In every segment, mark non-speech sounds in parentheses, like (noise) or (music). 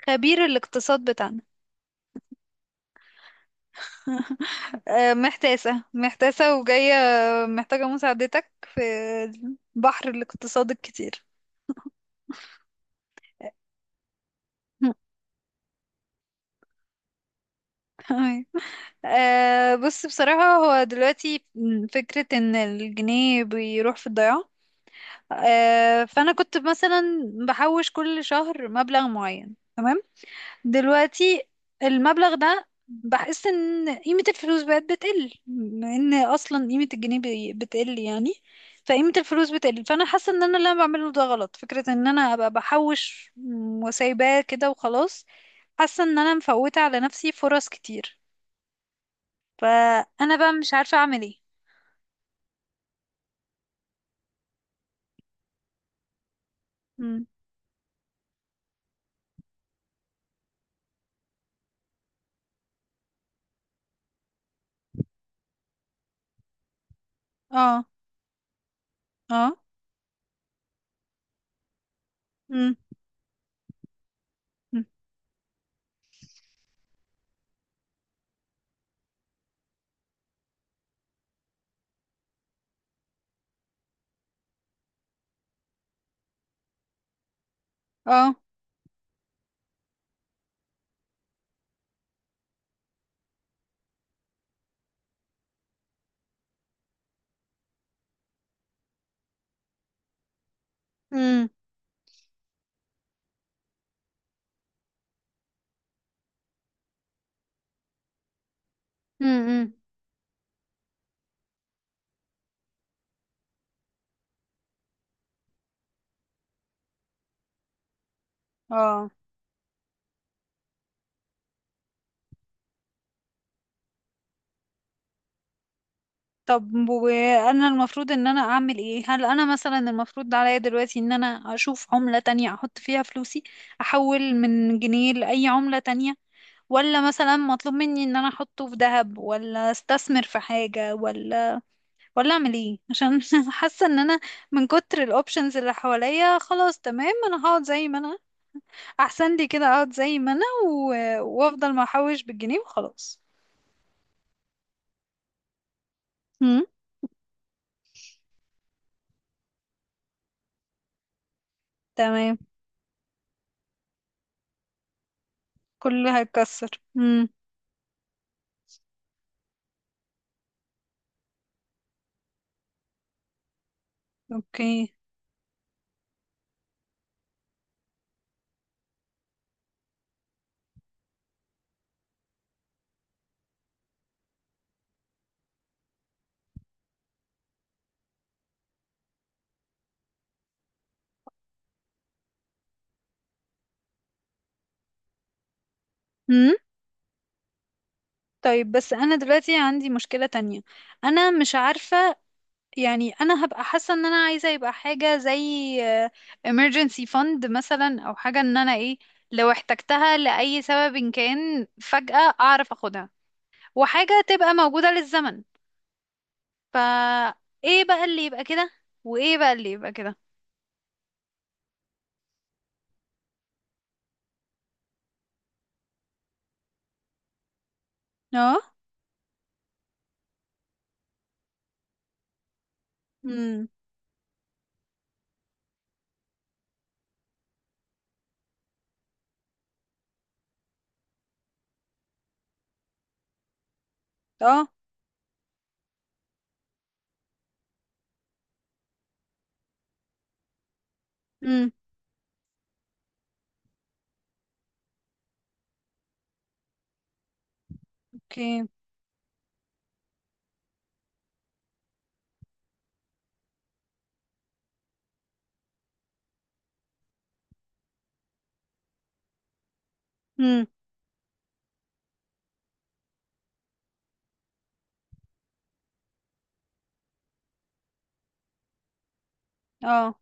خبير الاقتصاد بتاعنا. (laughs) محتاسة محتاسة وجاية، محتاجة مساعدتك في بحر الاقتصاد الكتير. (laughs) تمام. بص، بصراحة هو دلوقتي فكرة ان الجنيه بيروح في الضياع. فأنا كنت مثلا بحوش كل شهر مبلغ معين، تمام. دلوقتي المبلغ ده بحس ان قيمة الفلوس بقت بتقل، بما ان اصلا قيمة الجنيه بتقل يعني. فقيمة الفلوس بتقل، فانا حاسة ان انا اللي انا بعمله ده غلط، فكرة ان انا ابقى بحوش وسايباه كده وخلاص. حاسة ان انا مفوتة على نفسي فرص كتير، فانا بقى مش عارفة اعمل ايه. مم. اه. اه. مم. مم. اه. مم. مم. مم. اه. طب وانا المفروض ان انا اعمل ايه؟ هل انا مثلا المفروض عليا دلوقتي ان انا اشوف عملة تانية احط فيها فلوسي؟ احول من جنيه لاي عملة تانية؟ ولا مثلا مطلوب مني ان انا احطه في ذهب ولا استثمر في حاجة؟ ولا اعمل ايه عشان (laughs) حاسة ان انا من كتر الاوبشنز اللي حواليا، خلاص تمام انا هقعد زي ما انا، احسن لي كده اقعد زي ما انا و... وافضل ما احوش بالجنيه وخلاص. امم. تمام. كله هيتكسر. امم. اوكي. طيب بس انا دلوقتي عندي مشكلة تانية، انا مش عارفة يعني، انا هبقى حاسة ان انا عايزة يبقى حاجة زي آه، emergency fund مثلا، او حاجة ان انا ايه لو احتجتها لأي سبب إن كان فجأة اعرف اخدها، وحاجة تبقى موجودة للزمن. فا ايه بقى اللي يبقى كده؟ وايه بقى اللي يبقى كده؟ اه. امم. اه. امم. اوكي. امم. اه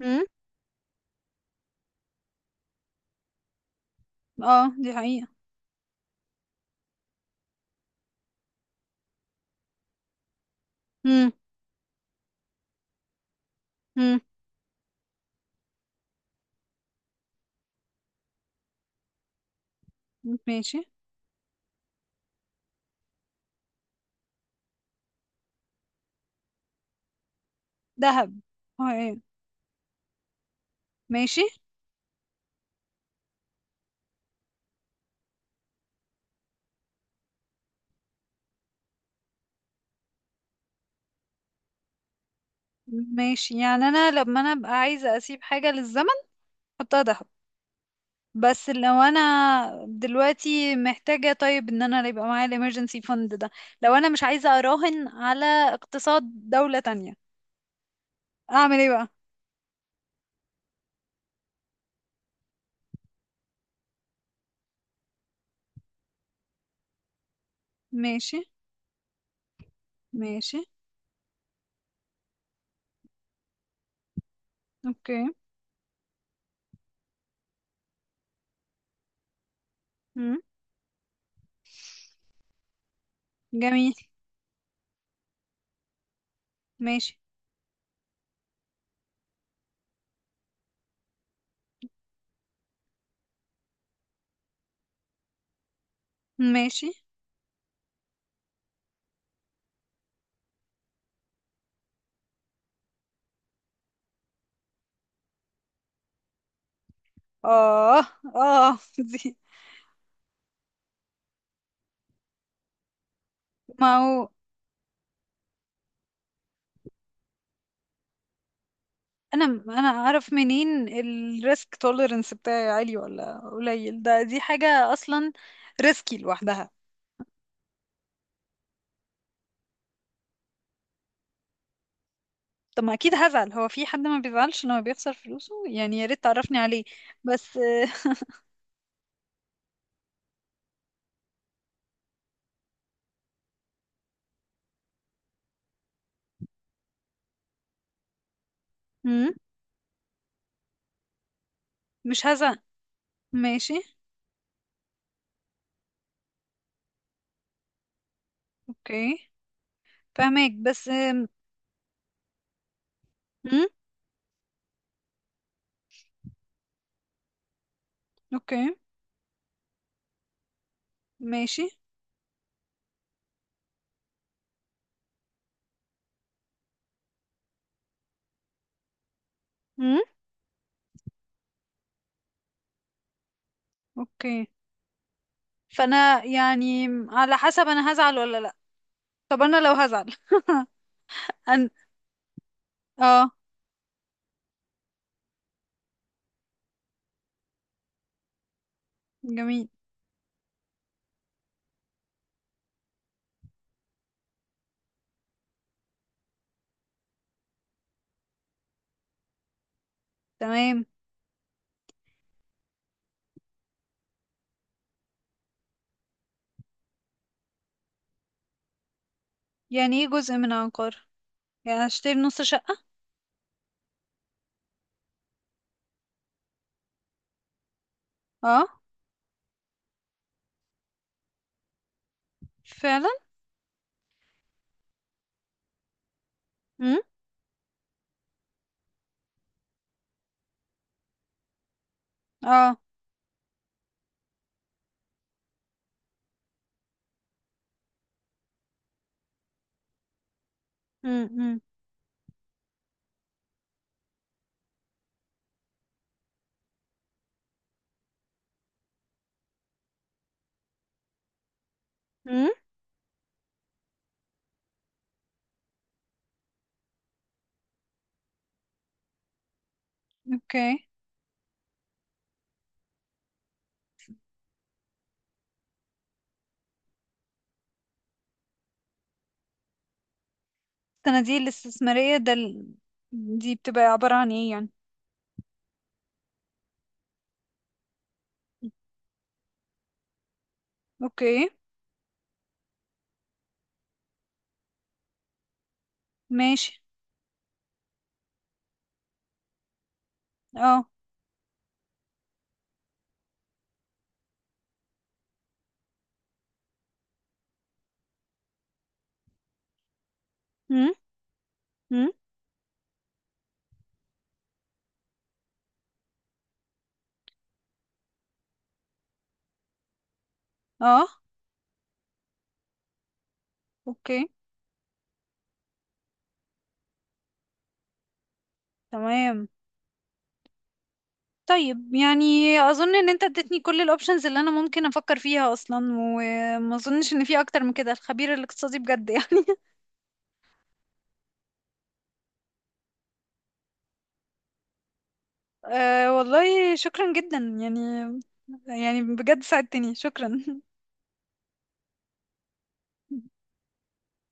امم اه دي حقيقة. امم. امم. ماشي. دهب؟ اه ايه. ماشي. ماشي، يعني انا لما انا ابقى عايزه اسيب حاجه للزمن احطها دهب، بس لو انا دلوقتي محتاجه، طيب ان انا يبقى معايا الامرجنسي فند ده، لو انا مش عايزه اراهن على اقتصاد دوله تانية، اعمل ايه بقى؟ ماشي. ماشي. اوكي. مم. جميل. ماشي. ماشي. اه. اه (laughs) دي. ما هو انا اعرف منين الريسك توليرنس بتاعي عالي ولا قليل؟ ده دي حاجه اصلا ريسكي لوحدها. طب ما اكيد هزعل، هو في حد ما بيزعلش لما بيخسر فلوسه يعني؟ يا ريت تعرفني عليه. بس مم، مش هزعل. ماشي. اوكي. فهماك بس مم، اوكي. ماشي. مم. اوكي. فانا يعني على حسب انا هزعل ولا لا، طب انا لو هزعل أن... اه. جميل. تمام. يعني ايه جزء من عقار؟ يعني هشتري نص شقة؟ اه فعلا. مم. اه. مم. مم. مم. اوكي. الصناديق الاستثمارية ده دي بتبقى عبارة عن ايه يعني؟ اوكي. ماشي. اه. امم. امم. اه. اوكي. تمام. طيب يعني اظن ان انت اديتني كل الاوبشنز اللي انا ممكن افكر فيها اصلا، وما اظنش ان في اكتر من كده. الخبير الاقتصادي بجد يعني. (laughs) أه والله شكرا جدا يعني، يعني بجد ساعدتني، شكرا. (laughs)